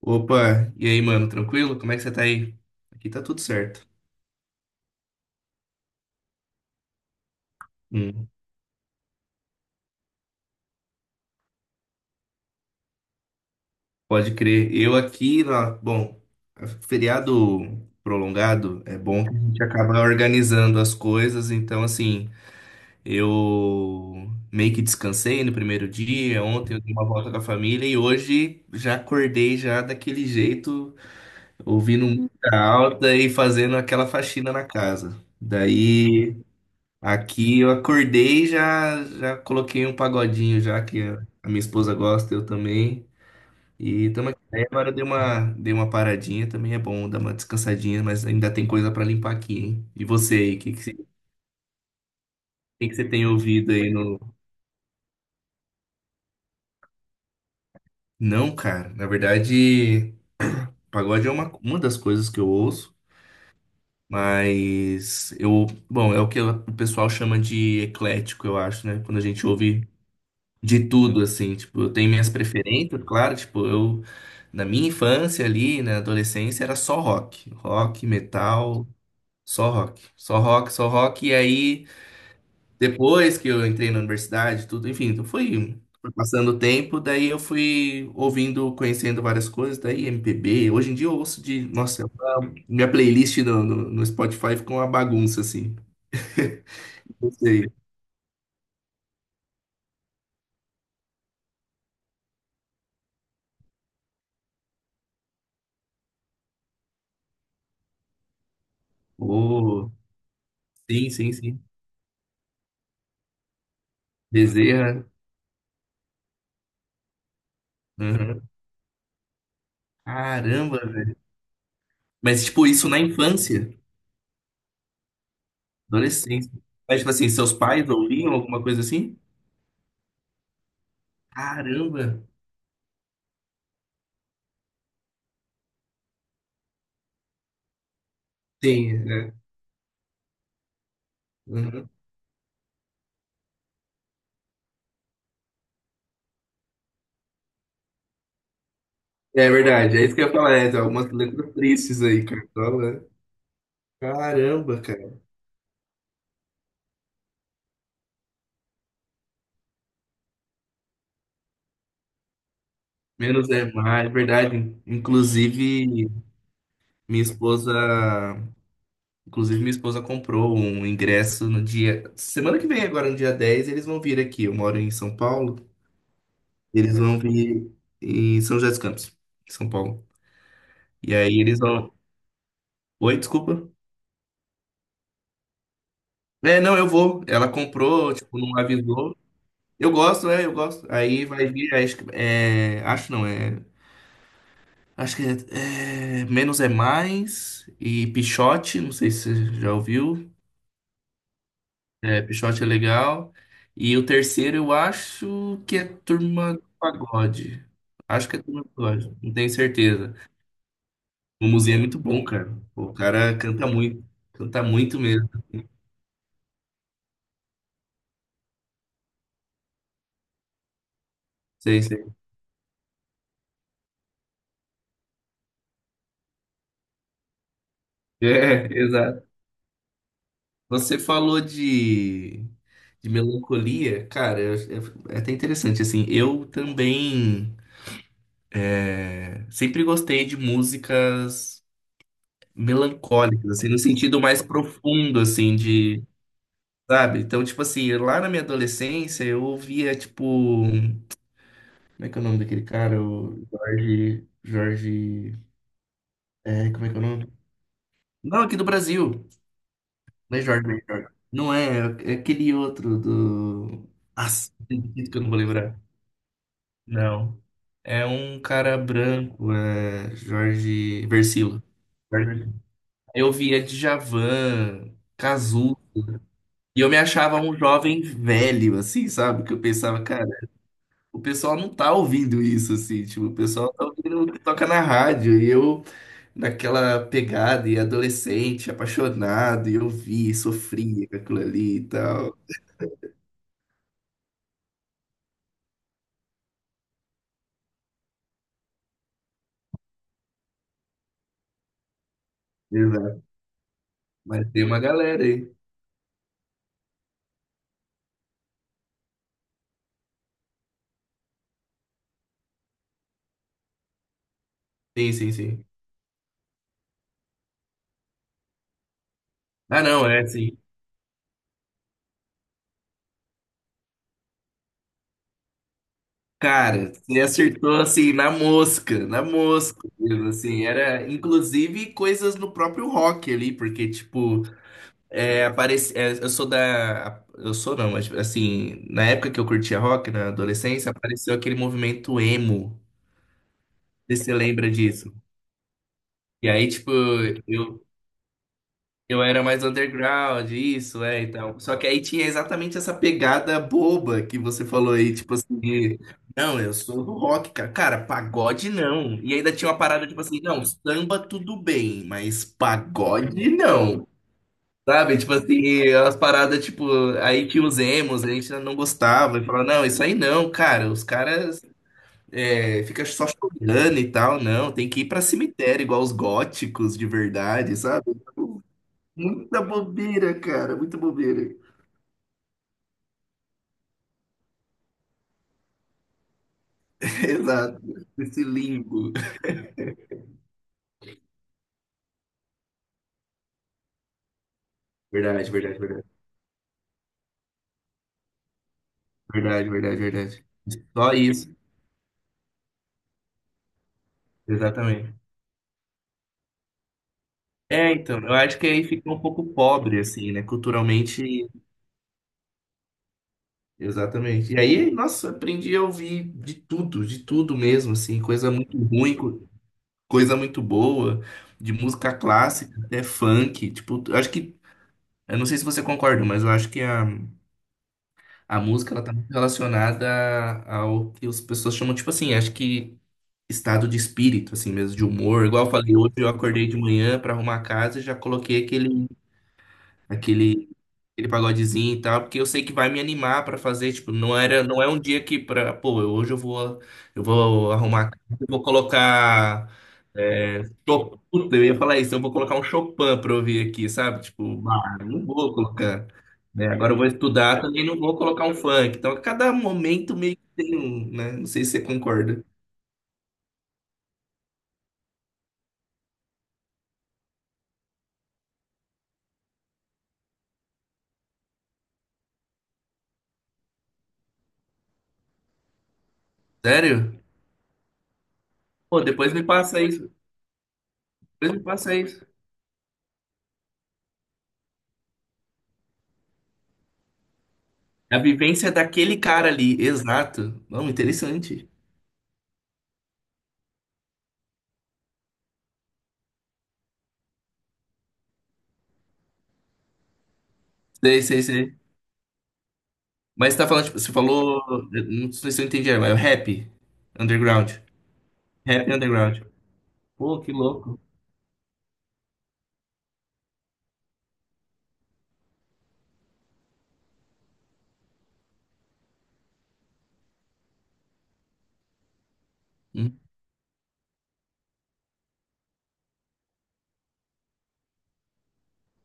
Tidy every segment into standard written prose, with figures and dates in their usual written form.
Opa, e aí, mano, tranquilo? Como é que você tá aí? Aqui tá tudo certo. Hum, pode crer. Eu aqui, bom, feriado prolongado é bom que a gente acaba organizando as coisas, então assim, eu meio que descansei no primeiro dia, ontem eu dei uma volta com a família e hoje já acordei já daquele jeito, ouvindo música alta e fazendo aquela faxina na casa. Daí. Aqui eu acordei e já coloquei um pagodinho já que a minha esposa gosta, eu também. E estamos aqui. Aí agora eu dei uma paradinha, também é bom dar uma descansadinha, mas ainda tem coisa para limpar aqui, hein? E você aí, o que que você tem ouvido aí no... Não, cara, na verdade, pagode é uma das coisas que eu ouço, mas eu, bom, é o que o pessoal chama de eclético, eu acho, né? Quando a gente ouve de tudo, assim, tipo, eu tenho minhas preferências, claro, tipo, eu, na minha infância ali, na adolescência, era só rock, rock, metal, só rock, só rock, só rock, e aí, depois que eu entrei na universidade, tudo, enfim, então foi passando o tempo, daí eu fui ouvindo, conhecendo várias coisas, daí MPB, hoje em dia eu ouço de, nossa, minha playlist no Spotify ficou uma bagunça, assim, não sei, oh, sim, sim, sim, Bezerra, uhum. Caramba, mas, tipo, isso na infância, adolescência. Mas, tipo assim, seus pais ouviam alguma coisa assim? Caramba! Sim, né? Uhum. É verdade, é isso que eu ia falar, é, tem algumas letras tristes aí, Cartola, né? Caramba, cara. Menos é mais, é verdade. Inclusive, minha esposa, minha esposa comprou um ingresso no dia, semana que vem agora, no dia 10 eles vão vir aqui. Eu moro em São Paulo, eles vão vir em São José dos Campos, em São Paulo. E aí eles vão. Oi, desculpa. É, não, eu vou. Ela comprou, tipo, não avisou. Eu gosto, é, eu gosto. Aí vai vir, é, acho que, é, acho não, é, acho que é Menos é Mais e Pichote, não sei se você já ouviu. É, Pichote é legal. E o terceiro eu acho que é Turma do Pagode. Acho que é Turma do Pagode, não tenho certeza. O museu é muito bom, cara. O cara canta muito mesmo. Sei, sei. É, exato. Você falou de melancolia, cara, é, é até interessante, assim, eu também é, sempre gostei de músicas melancólicas, assim, no sentido mais profundo, assim, de, sabe? Então, tipo assim, lá na minha adolescência, eu ouvia, tipo, como é que é o nome daquele cara? O Jorge, é, como é que é o nome? Não, aqui do Brasil, não é Jorge, não é Jorge. Não é, é aquele outro do... Nossa, tem que eu não vou lembrar. Não. É um cara branco, é Jorge Versilo. Jorge Versilo. Eu via Djavan, Cazu, e eu me achava um jovem velho, assim, sabe? Que eu pensava, cara, o pessoal não tá ouvindo isso, assim, tipo, o pessoal tá ouvindo o que toca na rádio, e eu naquela pegada, e adolescente, apaixonado, e eu vi, sofria com aquilo ali e tal. Exato. Mas tem uma galera aí. Sim, sim, sim. Ah, não, é, sim. Cara, você acertou assim na mosca, mesmo, assim, era inclusive coisas no próprio rock ali, porque tipo, é, aparece, é, eu sou não, mas assim, na época que eu curtia rock, na adolescência, apareceu aquele movimento emo, não sei se você lembra disso? E aí, tipo, eu, Eu era mais underground, isso, é, então. Só que aí tinha exatamente essa pegada boba que você falou aí, tipo assim, não, eu sou do rock, cara. Cara, pagode não. E ainda tinha uma parada, tipo assim, não, samba tudo bem, mas pagode não. Sabe? Tipo assim, as paradas, tipo, aí que os emos, a gente não gostava. E falava, não, isso aí não, cara, os caras é, fica só chorando e tal, não, tem que ir pra cemitério, igual os góticos de verdade, sabe? Muita bobeira, cara, muita bobeira. Exato. Esse limbo. Verdade, verdade, verdade. Verdade, verdade, verdade. Só isso, exatamente. É, então, eu acho que aí fica um pouco pobre, assim, né? Culturalmente, exatamente. E aí, nossa, aprendi a ouvir de tudo mesmo, assim, coisa muito ruim, coisa muito boa, de música clássica até funk. Tipo, eu acho que, eu não sei se você concorda, mas eu acho que a música, ela tá muito relacionada ao que as pessoas chamam, tipo assim, acho que estado de espírito, assim mesmo, de humor. Igual eu falei, hoje eu acordei de manhã pra arrumar a casa e já coloquei aquele, aquele aquele pagodezinho e tal, porque eu sei que vai me animar pra fazer, tipo, não era, não é um dia que pra, pô, hoje eu vou arrumar, eu vou colocar é, Chopin, puta, eu ia falar isso, eu vou colocar um Chopin pra ouvir aqui, sabe? Tipo, bah, não vou colocar, né? Agora eu vou estudar, também não vou colocar um funk. Então, a cada momento meio que tem um, né? Não sei se você concorda. Sério? Pô, depois me passa isso. Depois me passa isso. É a vivência daquele cara ali, exato. Não, interessante. Sei, sei, sei. Mas você tá falando, tipo, você falou. Não sei se eu entendi, mas é o rap underground. Rap underground. Pô, que louco. Hum,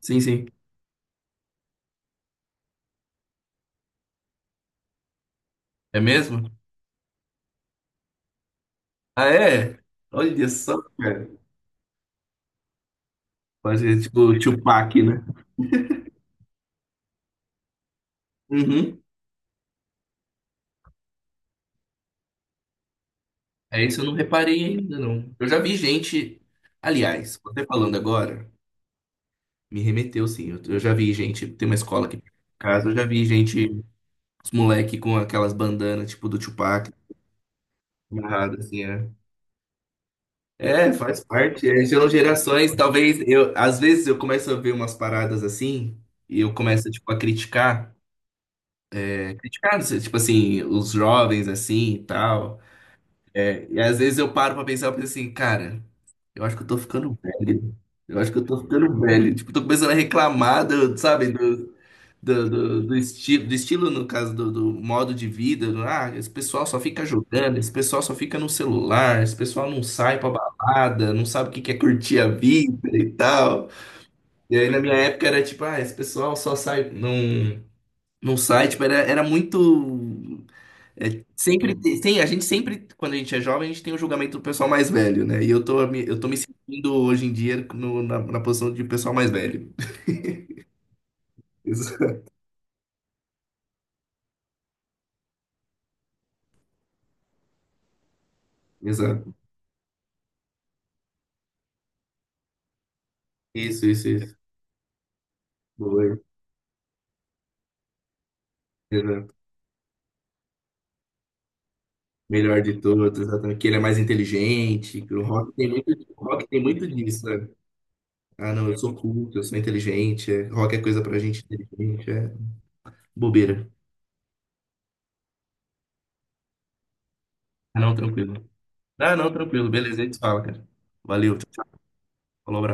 Sim, sim. É mesmo? Ah, é? Olha só, cara. Pode ser tipo Tupac, né? Uhum. É isso, eu não reparei ainda, não. Eu já vi gente. Aliás, você falando agora, me remeteu, sim. Eu já vi gente. Tem uma escola aqui em casa, eu já vi gente, os moleque com aquelas bandanas, tipo do Tupac, amarrado, assim, é. É, faz parte. É, são gerações, talvez eu, às vezes eu começo a ver umas paradas assim e eu começo tipo a criticar, é, criticar, não sei, tipo assim, os jovens assim e tal. É, e às vezes eu paro pra pensar, eu penso assim, cara, eu acho que eu tô ficando velho. Eu acho que eu tô ficando velho. Tipo, tô começando a reclamar, sabe, do estilo, no caso, do modo de vida, do, ah, esse pessoal só fica jogando, esse pessoal só fica no celular, esse pessoal não sai pra balada, não sabe o que que é curtir a vida e tal. E aí, na minha época, era tipo, ah, esse pessoal só sai, não, não sai, tipo, era, era muito... é, sempre tem, a gente sempre, quando a gente é jovem, a gente tem o julgamento do pessoal mais velho, né? E eu tô me sentindo hoje em dia no- na, na posição de pessoal mais velho. Exato. Isso, isso, isso. Boa. Melhor de todos, exatamente. Que ele é mais inteligente, que o rock tem muito, o rock tem muito disso, né? Ah, não, eu sou culto, eu sou inteligente, é, rock é coisa pra gente inteligente. É bobeira. Ah, não, tranquilo. Ah, não, tranquilo. Beleza, a gente fala, cara. Valeu, tchau, tchau. Falou, abraço.